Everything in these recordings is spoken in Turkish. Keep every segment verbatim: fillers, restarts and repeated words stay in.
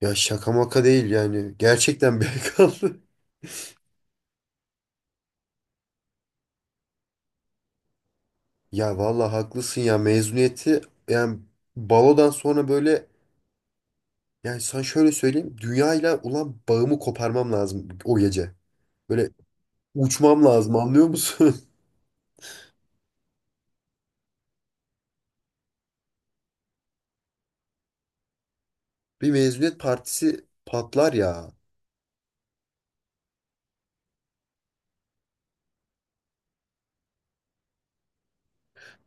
Ya şaka maka değil yani. Gerçekten bel kaldı. Ya vallahi haklısın ya mezuniyeti yani balodan sonra böyle yani sana şöyle söyleyeyim dünyayla ulan bağımı koparmam lazım o gece. Böyle uçmam lazım, anlıyor musun? Bir mezuniyet partisi patlar ya.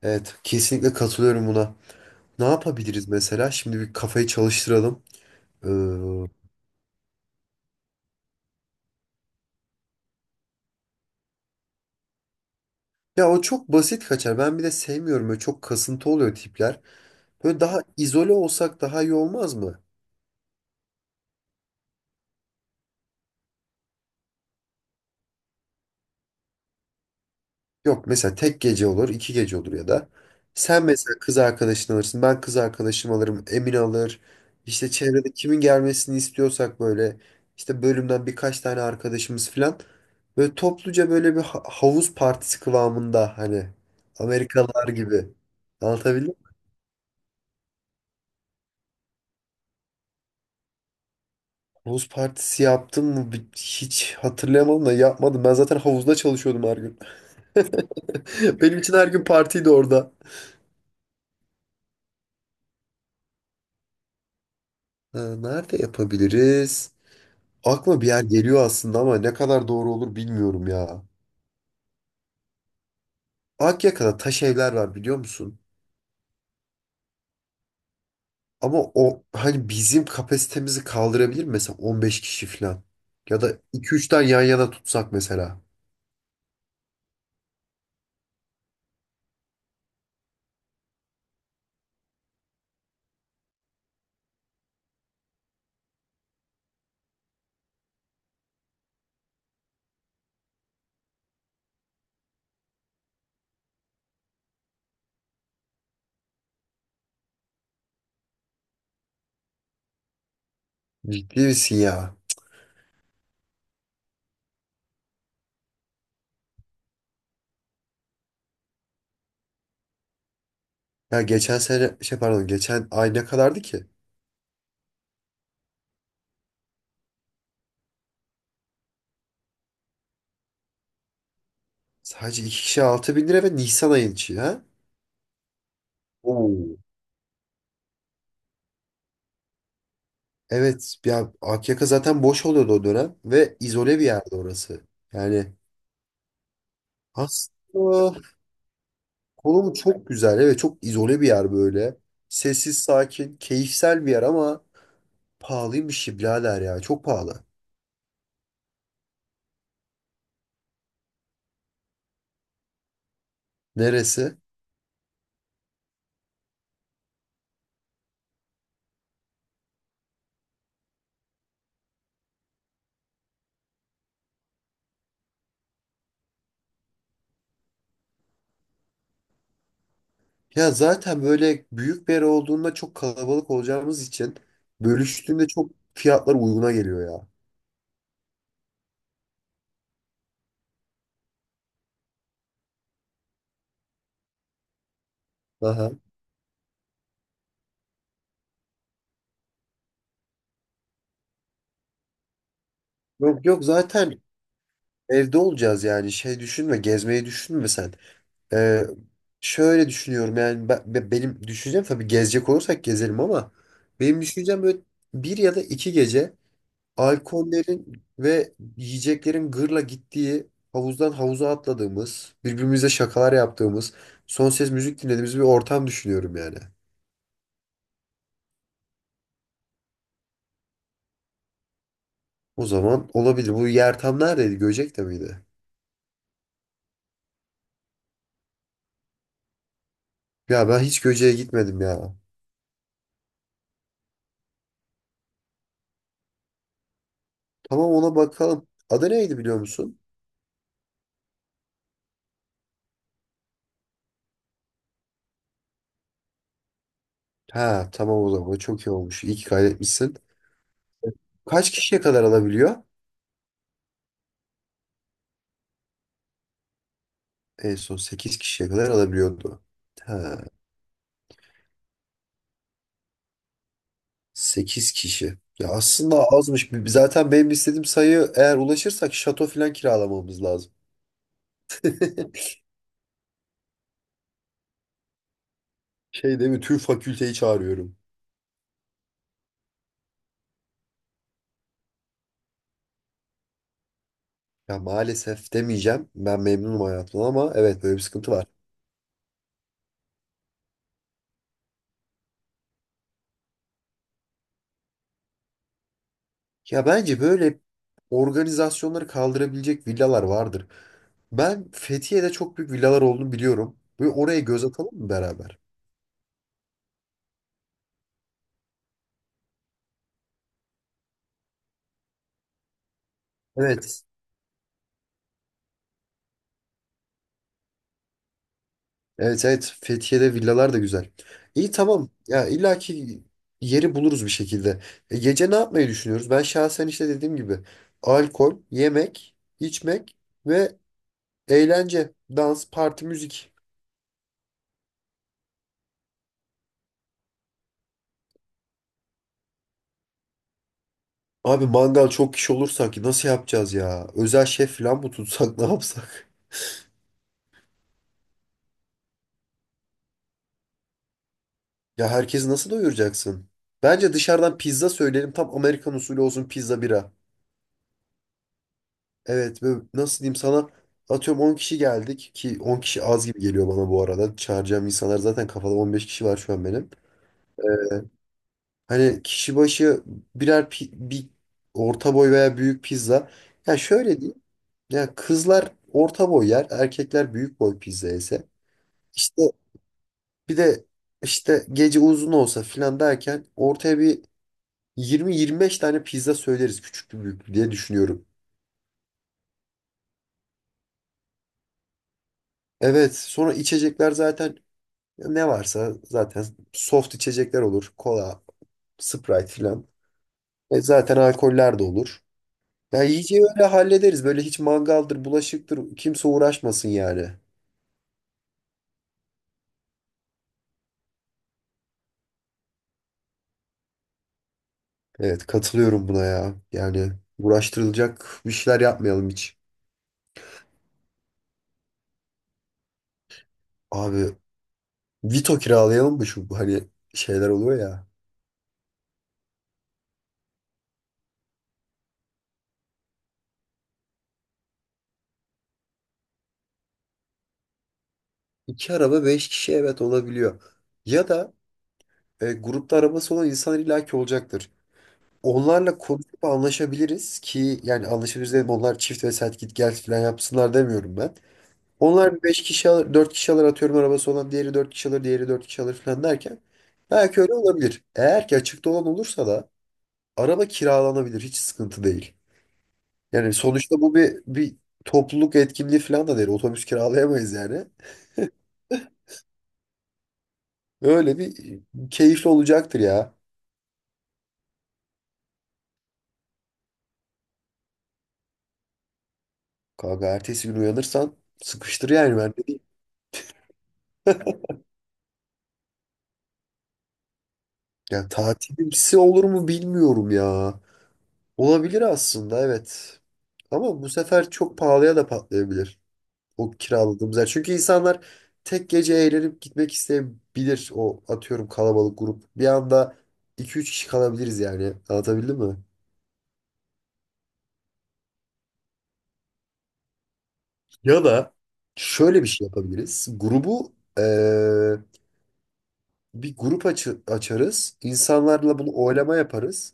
Evet, kesinlikle katılıyorum buna. Ne yapabiliriz mesela? Şimdi bir kafayı çalıştıralım. Ee, Ya o çok basit kaçar. Ben bir de sevmiyorum. Böyle çok kasıntı oluyor tipler. Böyle daha izole olsak daha iyi olmaz mı? Yok, mesela tek gece olur, iki gece olur ya da. Sen, tamam, mesela kız arkadaşını alırsın, ben kız arkadaşımı alırım, Emin alır. İşte çevrede kimin gelmesini istiyorsak, böyle işte bölümden birkaç tane arkadaşımız falan. Böyle topluca böyle bir ha- havuz partisi kıvamında, hani Amerikalılar gibi. Anlatabildim mi? Havuz partisi yaptım mı? Bi- hiç hatırlayamadım da yapmadım. Ben zaten havuzda çalışıyordum her gün. Benim için her gün partiydi orada. Ha, nerede yapabiliriz? Aklıma bir yer geliyor aslında ama ne kadar doğru olur bilmiyorum ya. Akyaka'da taş evler var, biliyor musun? Ama o, hani bizim kapasitemizi kaldırabilir mi? Mesela 15 kişi falan. Ya da iki üç tane yan yana tutsak mesela. Ciddi misin ya? Ya geçen sene, şey, pardon, geçen ay ne kadardı ki? Sadece iki kişi altı bin lira ve Nisan ayın içi ha? Oo. Evet ya, Akyaka zaten boş oluyordu o dönem ve izole bir yerde orası. Yani aslında konumu çok güzel. Ve çok izole bir yer böyle. Sessiz, sakin, keyifsel bir yer ama pahalıymış ya birader ya. Çok pahalı. Neresi? Ya zaten böyle büyük bir yer olduğunda çok kalabalık olacağımız için, bölüştüğünde çok fiyatlar uyguna geliyor ya. Aha. Yok yok, zaten evde olacağız yani. Şey düşünme, gezmeyi düşünme sen. Ee, Şöyle düşünüyorum yani, ben- be- benim düşüncem tabii gezecek olursak gezelim ama benim düşüncem böyle bir ya da iki gece alkollerin ve yiyeceklerin gırla gittiği, havuzdan havuza atladığımız, birbirimize şakalar yaptığımız, son ses müzik dinlediğimiz bir ortam düşünüyorum yani. O zaman olabilir. Bu yer tam neredeydi? Göcek'te miydi? Ya ben hiç Göcek'e gitmedim ya. Tamam, ona bakalım. Adı neydi, biliyor musun? Ha tamam, o zaman çok iyi olmuş. İyi ki kaydetmişsin. Kaç kişiye kadar alabiliyor? En son sekiz kişiye kadar alabiliyordu. Ha. 8 kişi. Ya aslında azmış. Bir- Zaten benim istediğim sayı eğer ulaşırsak şato falan kiralamamız lazım. Şey değil mi? Tüm fakülteyi çağırıyorum. Ya maalesef demeyeceğim. Ben memnunum hayatımdan ama evet, böyle bir sıkıntı var. Ya bence böyle organizasyonları kaldırabilecek villalar vardır. Ben Fethiye'de çok büyük villalar olduğunu biliyorum. Böyle oraya göz atalım mı beraber? Evet. Evet, evet, Fethiye'de villalar da güzel. İyi, tamam ya, illaki yeri buluruz bir şekilde. E, gece ne yapmayı düşünüyoruz? Ben şahsen işte dediğim gibi alkol, yemek, içmek ve eğlence, dans, parti, müzik. Abi mangal çok kişi olursak nasıl yapacağız ya? Özel şef falan mı tutsak ne yapsak? Ya herkesi nasıl doyuracaksın? Bence dışarıdan pizza söyleyelim, tam Amerikan usulü olsun, pizza bira. Evet ve nasıl diyeyim sana, atıyorum on kişi geldik ki on kişi az gibi geliyor bana bu arada. Çağıracağım insanlar zaten kafada on beş kişi var şu an benim. Ee, hani kişi başı birer pi- bir orta boy veya büyük pizza. Ya şöyle diyeyim. Ya kızlar orta boy yer, erkekler büyük boy pizza yese. İşte bir de işte gece uzun olsa filan derken ortaya bir yirmi yirmi beş tane pizza söyleriz, küçüklü büyüklü diye düşünüyorum. Evet, sonra içecekler zaten. Ya ne varsa zaten soft içecekler olur. Kola, Sprite filan. E zaten alkoller de olur. Ya iyice öyle hallederiz. Böyle hiç mangaldır, bulaşıktır. Kimse uğraşmasın yani. Evet, katılıyorum buna ya. Yani uğraştırılacak bir şeyler yapmayalım hiç. Abi Vito kiralayalım mı şu, hani şeyler oluyor ya. İki araba beş kişi, evet, olabiliyor. Ya da e, grupta arabası olan insan illaki olacaktır. Onlarla konuşup anlaşabiliriz ki, yani anlaşabiliriz dedim, onlar çift ve set git gel falan yapsınlar demiyorum ben. Onlar beş kişi alır, dört kişi alır, atıyorum arabası olan diğeri dört kişi alır, diğeri dört kişi alır falan derken belki öyle olabilir. Eğer ki açıkta olan olursa da araba kiralanabilir, hiç sıkıntı değil. Yani sonuçta bu bir bir topluluk etkinliği falan da değil. Otobüs kiralayamayız yani. Öyle bir keyifli olacaktır ya. Kanka ertesi gün uyanırsan sıkıştır yani, ben de diyeyim. Yani tatilimsi olur mu bilmiyorum ya. Olabilir aslında, evet. Ama bu sefer çok pahalıya da patlayabilir. O kiraladığımız yer. Çünkü insanlar tek gece eğlenip gitmek isteyebilir. O atıyorum kalabalık grup. Bir anda iki üç kişi kalabiliriz yani. Anlatabildim mi? Ya da şöyle bir şey yapabiliriz. Grubu eee, bir grup açı- açarız. İnsanlarla bunu oylama yaparız.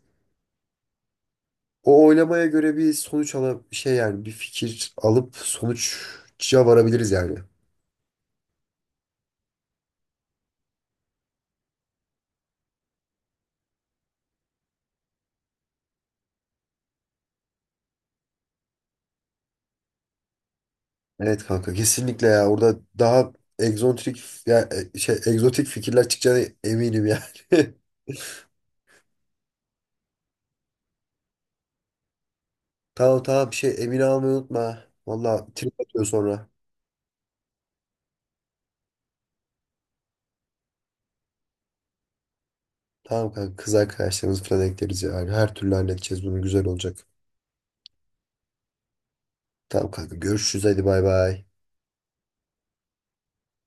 O oylamaya göre bir sonuç alıp şey, yani bir fikir alıp sonuca varabiliriz yani. Evet kanka, kesinlikle ya. Orada daha egzotik ya e, şey egzotik fikirler çıkacağına eminim yani. Tamam tamam, bir şey emin almayı unutma. Valla trip atıyor sonra. Tamam kanka, kız arkadaşlarımız falan ekleriz yani. Her türlü halledeceğiz bunu, güzel olacak. Tamam kanka, görüşürüz, hadi bay bay.